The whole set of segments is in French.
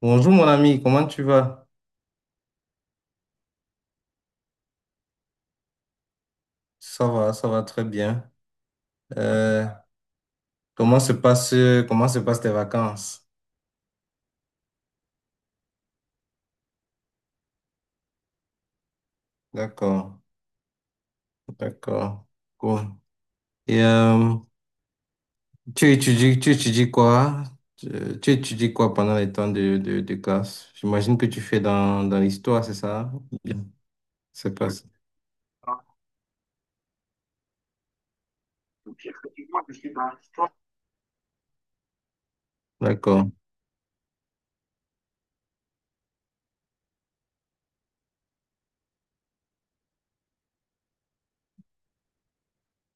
Bonjour mon ami, comment tu vas? Ça va très bien. Euh, comment se passe, comment se passent tes vacances? D'accord, d'accord, cool. Et tu étudies quoi? Tu, tu étudies quoi pendant les temps de classe? J'imagine que tu fais dans l'histoire, c'est ça? Bien, c'est pas ça. D'accord.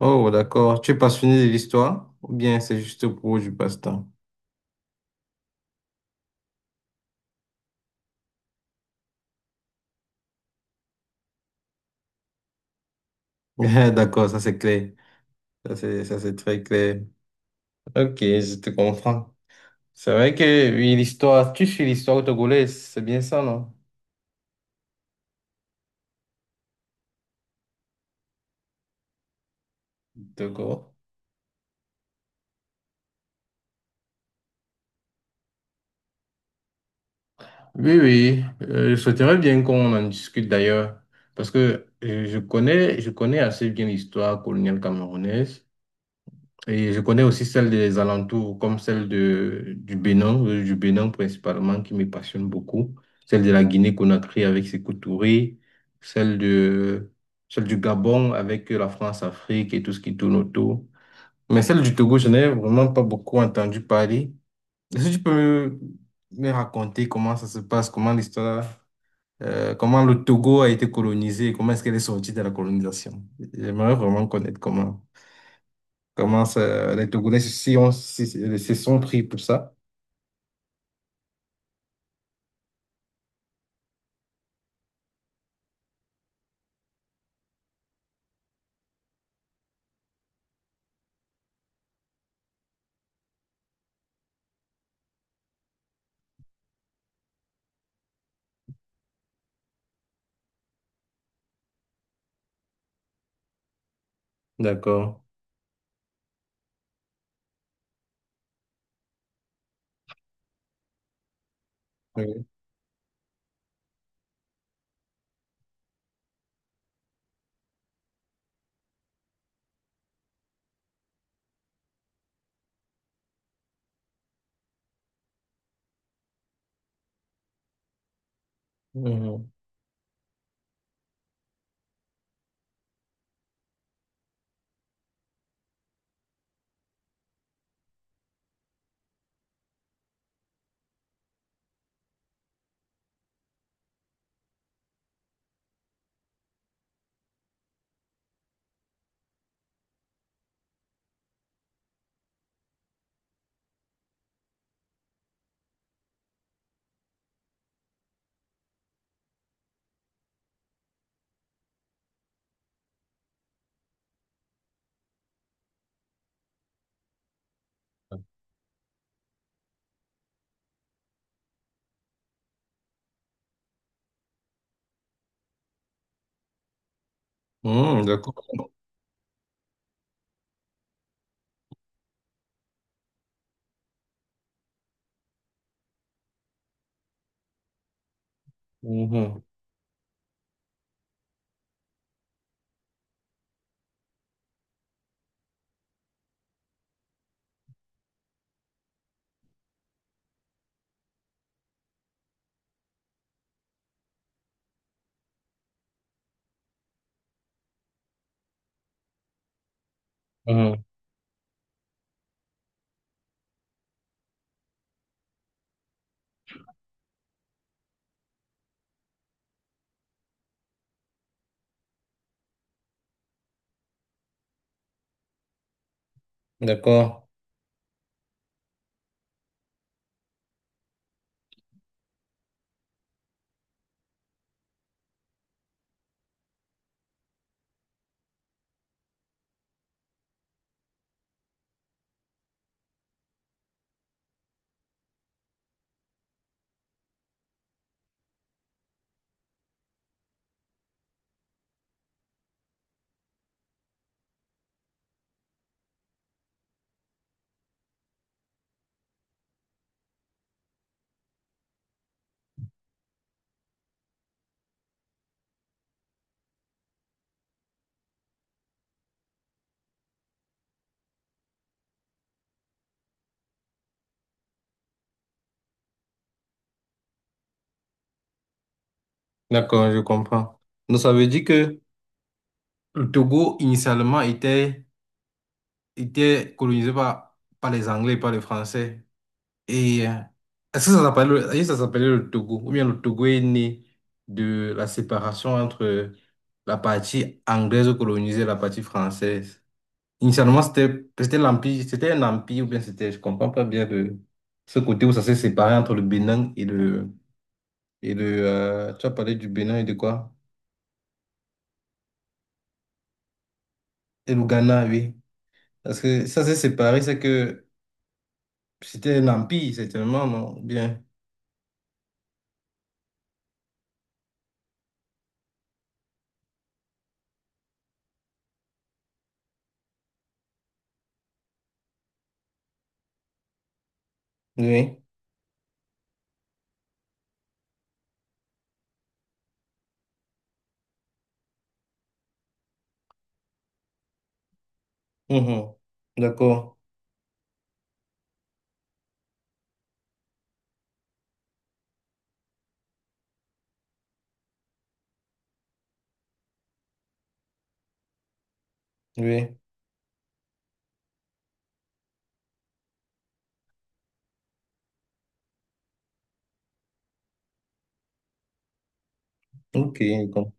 Oh, d'accord. Tu es passionné de l'histoire? Ou bien c'est juste pour du passe-temps? D'accord, ça c'est clair. Ça c'est très clair. Ok, je te comprends. C'est vrai que oui, l'histoire, tu suis l'histoire togolaise, c'est bien ça, non? D'accord. Oui, oui, je souhaiterais bien qu'on en discute d'ailleurs, parce que je connais assez bien l'histoire coloniale camerounaise et je connais aussi celle des alentours, comme du Bénin principalement, qui me passionne beaucoup, celle de la Guinée-Conakry avec ses Touré, celle de, celle du Gabon avec la France-Afrique et tout ce qui tourne autour. Mais celle du Togo, je n'ai vraiment pas beaucoup entendu parler. Est-ce que tu peux me raconter comment ça se passe, comment le Togo a été colonisé, comment est-ce qu'elle est sortie de la colonisation? J'aimerais vraiment connaître comment. Comment ça, les Togolais si on, se sont pris pour ça? D'accord. Oui. Mhm. Mhm, d'accord. Mhm. Mhm. D'accord. D'accord, je comprends. Donc, ça veut dire que le Togo, initialement, était colonisé par les Anglais, par les Français. Et est-ce que ça s'appelle, est-ce que ça s'appelait le Togo? Ou bien le Togo est né de la séparation entre la partie anglaise colonisée et la partie française. Initialement, c'était l'empire, c'était un empire, ou bien c'était, je comprends pas bien de ce côté où ça s'est séparé entre le Bénin et le tu as parlé du Bénin et de quoi? Et le Ghana, oui. Parce que ça s'est séparé, c'est que c'était un empire, certainement, non? Bien. Oui. Mhm. D'accord. Oui. Ok. com-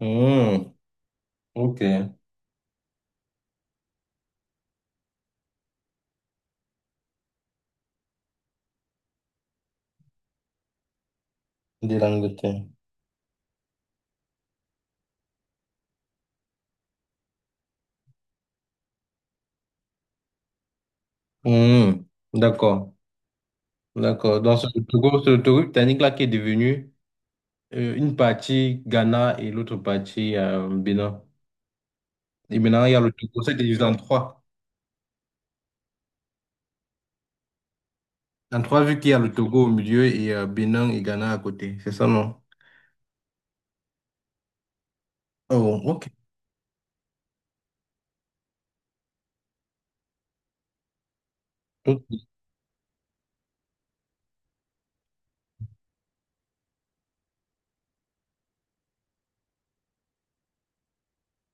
Hmm. Ok. De l'Angleterre. Hmm. D'accord. D'accord. Donc, c'est le Togo britannique là qui est devenu une partie Ghana et l'autre partie Bénin. Et maintenant, il y a le Togo. C'est divisé en trois. En trois, vu qu'il y a le Togo au milieu et Bénin et Ghana à côté. C'est ça, non? Oh, ok. Ok.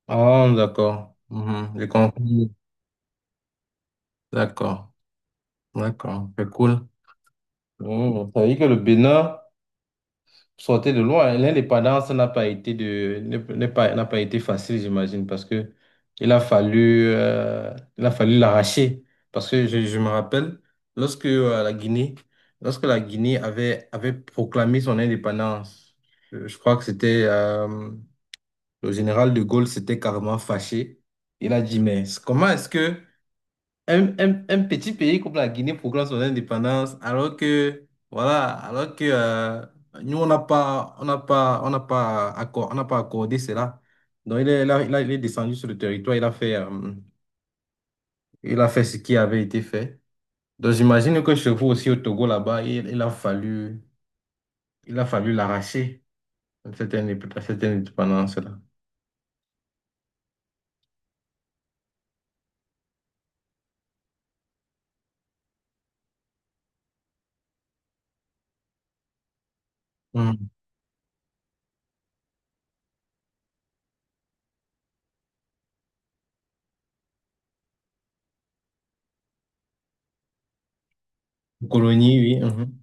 Ah, d'accord. Mhm. J'ai compris. D'accord. D'accord. C'est cool. Hmm. Ça veut dire que le Bénin. Sortez de loin, hein. L'indépendance n'a pas n'a pas été facile, j'imagine, parce que il a fallu l'arracher. Parce que je me rappelle, lorsque lorsque la Guinée avait proclamé son indépendance, je crois que c'était, le général de Gaulle s'était carrément fâché. Il a dit, mais comment est-ce que un petit pays comme la Guinée proclame son indépendance alors que, voilà, alors que nous, on n'a pas accordé cela. Donc, il est descendu sur le territoire, il a fait ce qui avait été fait. Donc, j'imagine que chez vous aussi au Togo, là-bas, il a fallu l'arracher, cette cette indépendance-là. Mhm. Colonie, oui. Mhm.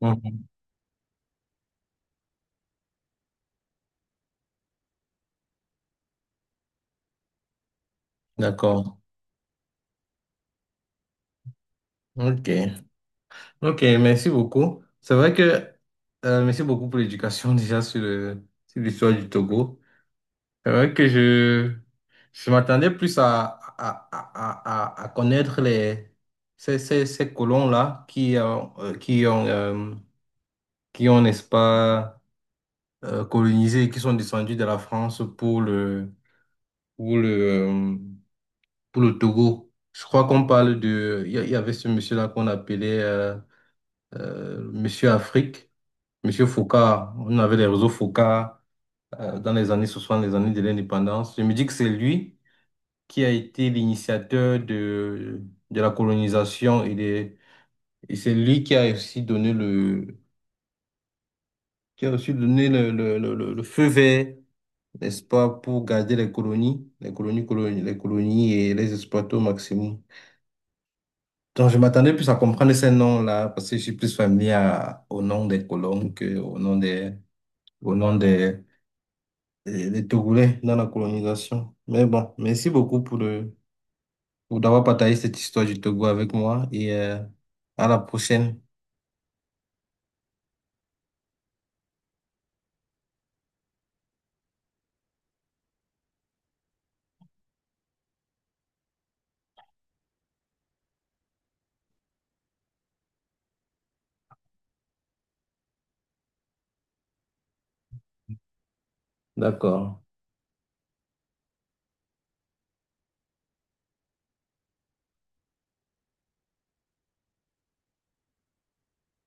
Mhm. D'accord. OK. Ok, merci beaucoup. C'est vrai que, merci beaucoup pour l'éducation déjà sur le, sur l'histoire du Togo. C'est vrai que je m'attendais plus à connaître ces colons-là qui ont, n'est-ce pas, colonisé et qui sont descendus de la France pour le, euh, pour le Togo. Je crois qu'on parle de, il y avait ce monsieur-là qu'on appelait, Monsieur Afrique. Monsieur Foucault, on avait les réseaux Foucault dans les années 60, les années de l'indépendance. Je me dis que c'est lui qui a été l'initiateur de la colonisation et c'est lui qui a aussi donné qui a aussi donné le feu vert, n'est-ce pas, pour garder les colonies et les exploiter au maximum. Donc, je m'attendais plus à comprendre ces noms-là parce que je suis plus familier au nom des colons que au nom des, les Togolais dans la colonisation. Mais bon, merci beaucoup pour pour d'avoir partagé cette histoire du Togo avec moi et à la prochaine. D'accord.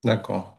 D'accord.